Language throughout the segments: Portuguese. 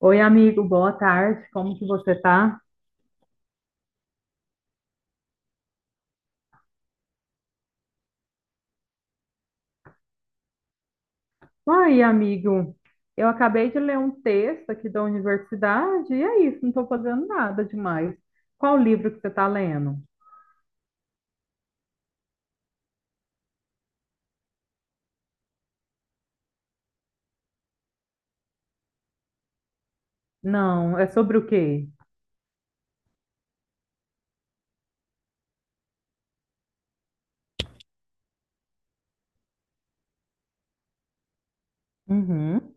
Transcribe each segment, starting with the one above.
Oi, amigo, boa tarde. Como que você tá? Oi, amigo. Eu acabei de ler um texto aqui da universidade e é isso, não estou fazendo nada demais. Qual livro que você está lendo? Não, é sobre o quê? Uhum.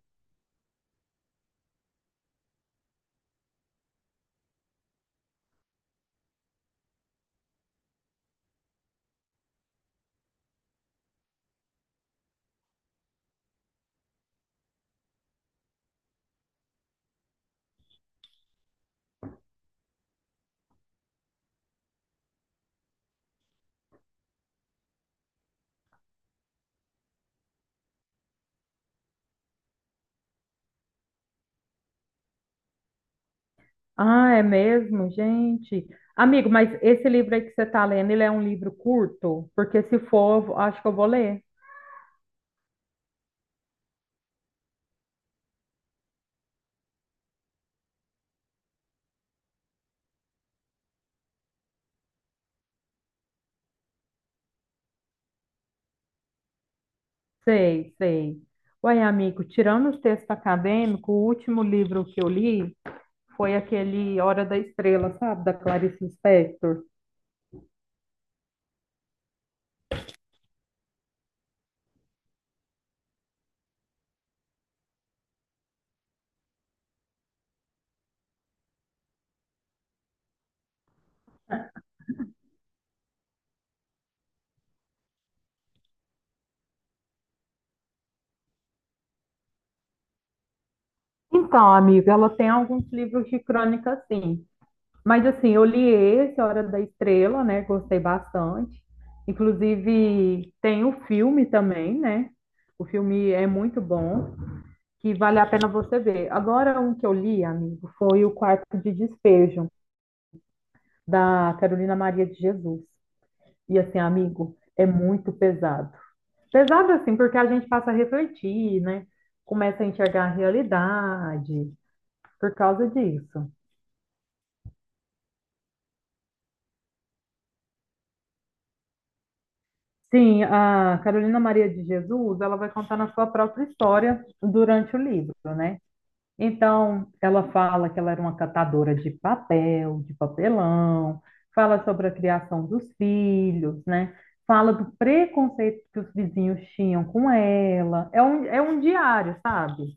Ah, é mesmo, gente. Amigo, mas esse livro aí que você está lendo, ele é um livro curto? Porque se for, acho que eu vou ler. Sei, sei. Ué, amigo, tirando os textos acadêmicos, o último livro que eu li foi aquele Hora da Estrela, sabe? Da Clarice Lispector. Então, amiga, ela tem alguns livros de crônica, sim. Mas, assim, eu li esse, Hora da Estrela, né? Gostei bastante. Inclusive, tem o filme também, né? O filme é muito bom, que vale a pena você ver. Agora, um que eu li, amigo, foi O Quarto de Despejo, da Carolina Maria de Jesus. E, assim, amigo, é muito pesado. Pesado assim, porque a gente passa a refletir, né? Começa a enxergar a realidade por causa disso. Sim, a Carolina Maria de Jesus, ela vai contar na sua própria história durante o livro, né? Então, ela fala que ela era uma catadora de papel, de papelão, fala sobre a criação dos filhos, né? Fala do preconceito que os vizinhos tinham com ela. É um diário, sabe?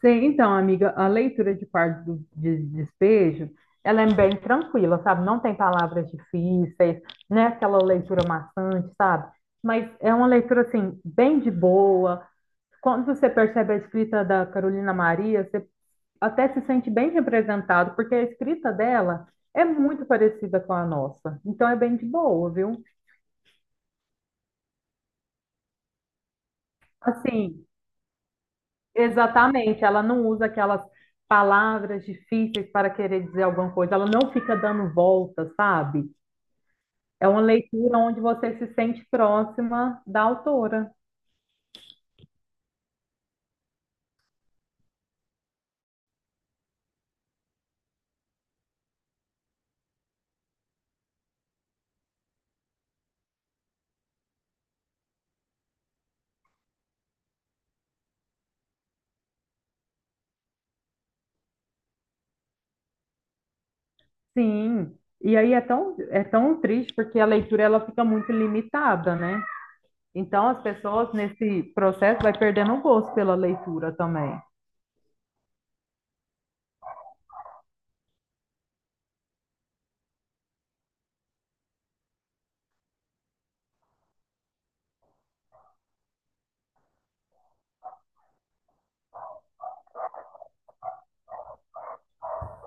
Sim, então, amiga, a leitura de parte do de despejo, ela é bem tranquila, sabe? Não tem palavras difíceis, não é aquela leitura maçante, sabe? Mas é uma leitura, assim, bem de boa. Quando você percebe a escrita da Carolina Maria, você até se sente bem representado, porque a escrita dela é muito parecida com a nossa. Então, é bem de boa, viu? Assim, exatamente, ela não usa aquelas palavras difíceis para querer dizer alguma coisa, ela não fica dando volta, sabe? É uma leitura onde você se sente próxima da autora. Sim. E aí é tão triste porque a leitura ela fica muito limitada, né? Então as pessoas nesse processo vai perdendo o gosto pela leitura também.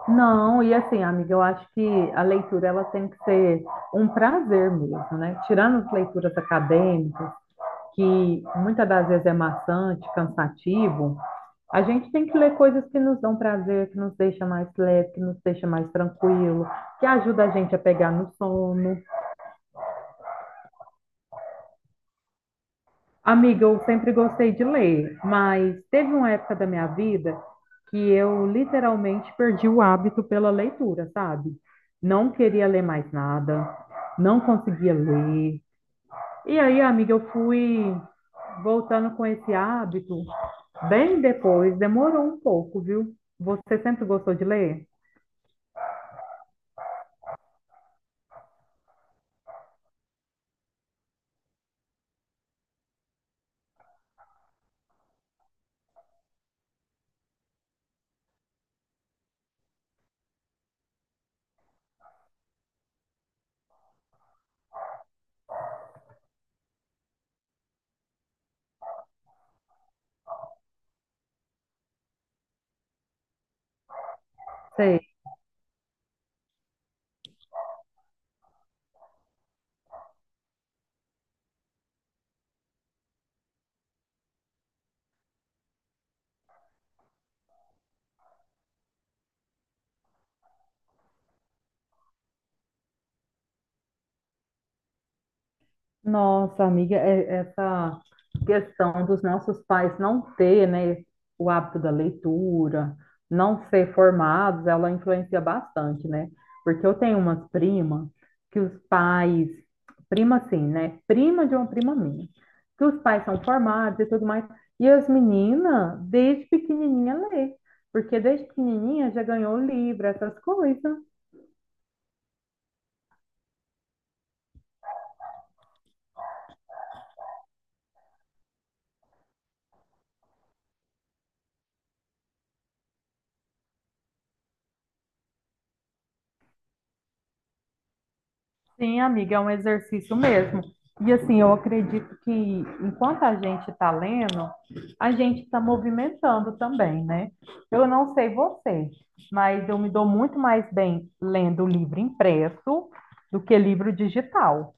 Não, e assim, amiga, eu acho que a leitura ela tem que ser um prazer mesmo, né? Tirando as leituras acadêmicas, que muitas das vezes é maçante, cansativo, a gente tem que ler coisas que nos dão prazer, que nos deixa mais leve, que nos deixa mais tranquilo, que ajuda a gente a pegar no sono. Amiga, eu sempre gostei de ler, mas teve uma época da minha vida que eu literalmente perdi o hábito pela leitura, sabe? Não queria ler mais nada, não conseguia ler, e aí, amiga, eu fui voltando com esse hábito bem depois, demorou um pouco, viu? Você sempre gostou de ler? Você Nossa, amiga, essa questão dos nossos pais não ter, né, o hábito da leitura, não ser formados, ela influencia bastante, né? Porque eu tenho umas primas que os pais, prima assim, né? Prima de uma prima minha, que os pais são formados e tudo mais, e as meninas, desde pequenininha, lê, porque desde pequenininha já ganhou livro, essas coisas. Sim, amiga, é um exercício mesmo. E assim, eu acredito que enquanto a gente está lendo, a gente está movimentando também, né? Eu não sei você, mas eu me dou muito mais bem lendo livro impresso do que livro digital.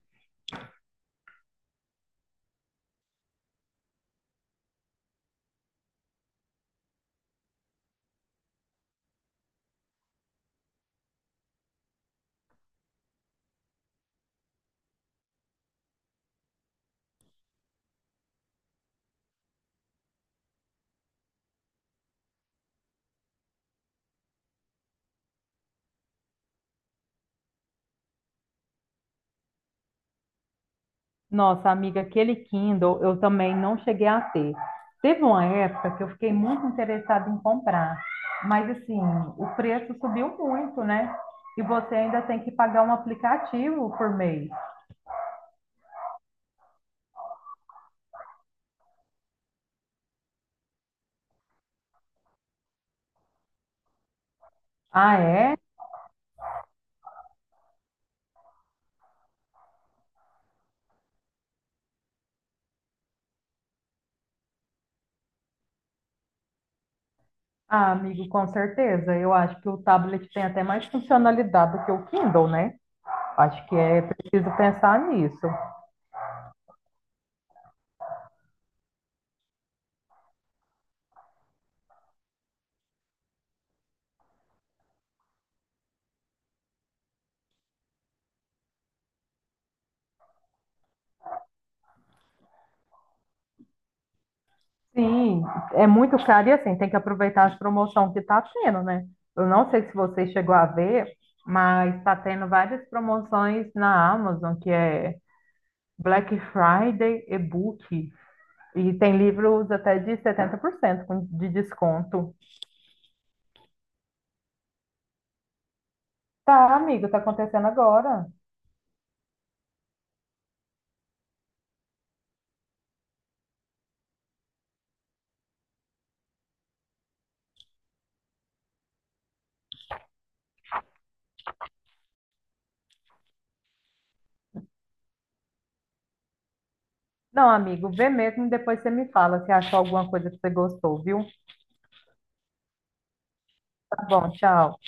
Nossa, amiga, aquele Kindle eu também não cheguei a ter. Teve uma época que eu fiquei muito interessada em comprar, mas assim, o preço subiu muito, né? E você ainda tem que pagar um aplicativo por mês. Ah, é? Ah, amigo, com certeza. Eu acho que o tablet tem até mais funcionalidade do que o Kindle, né? Acho que é preciso pensar nisso. Sim, é muito caro e assim, tem que aproveitar as promoções que está tendo, né? Eu não sei se você chegou a ver, mas está tendo várias promoções na Amazon, que é Black Friday e-book. E tem livros até de 70% de desconto. Tá, amigo, tá acontecendo agora. Não, amigo, vê mesmo e depois você me fala se achou alguma coisa que você gostou, viu? Tá bom, tchau.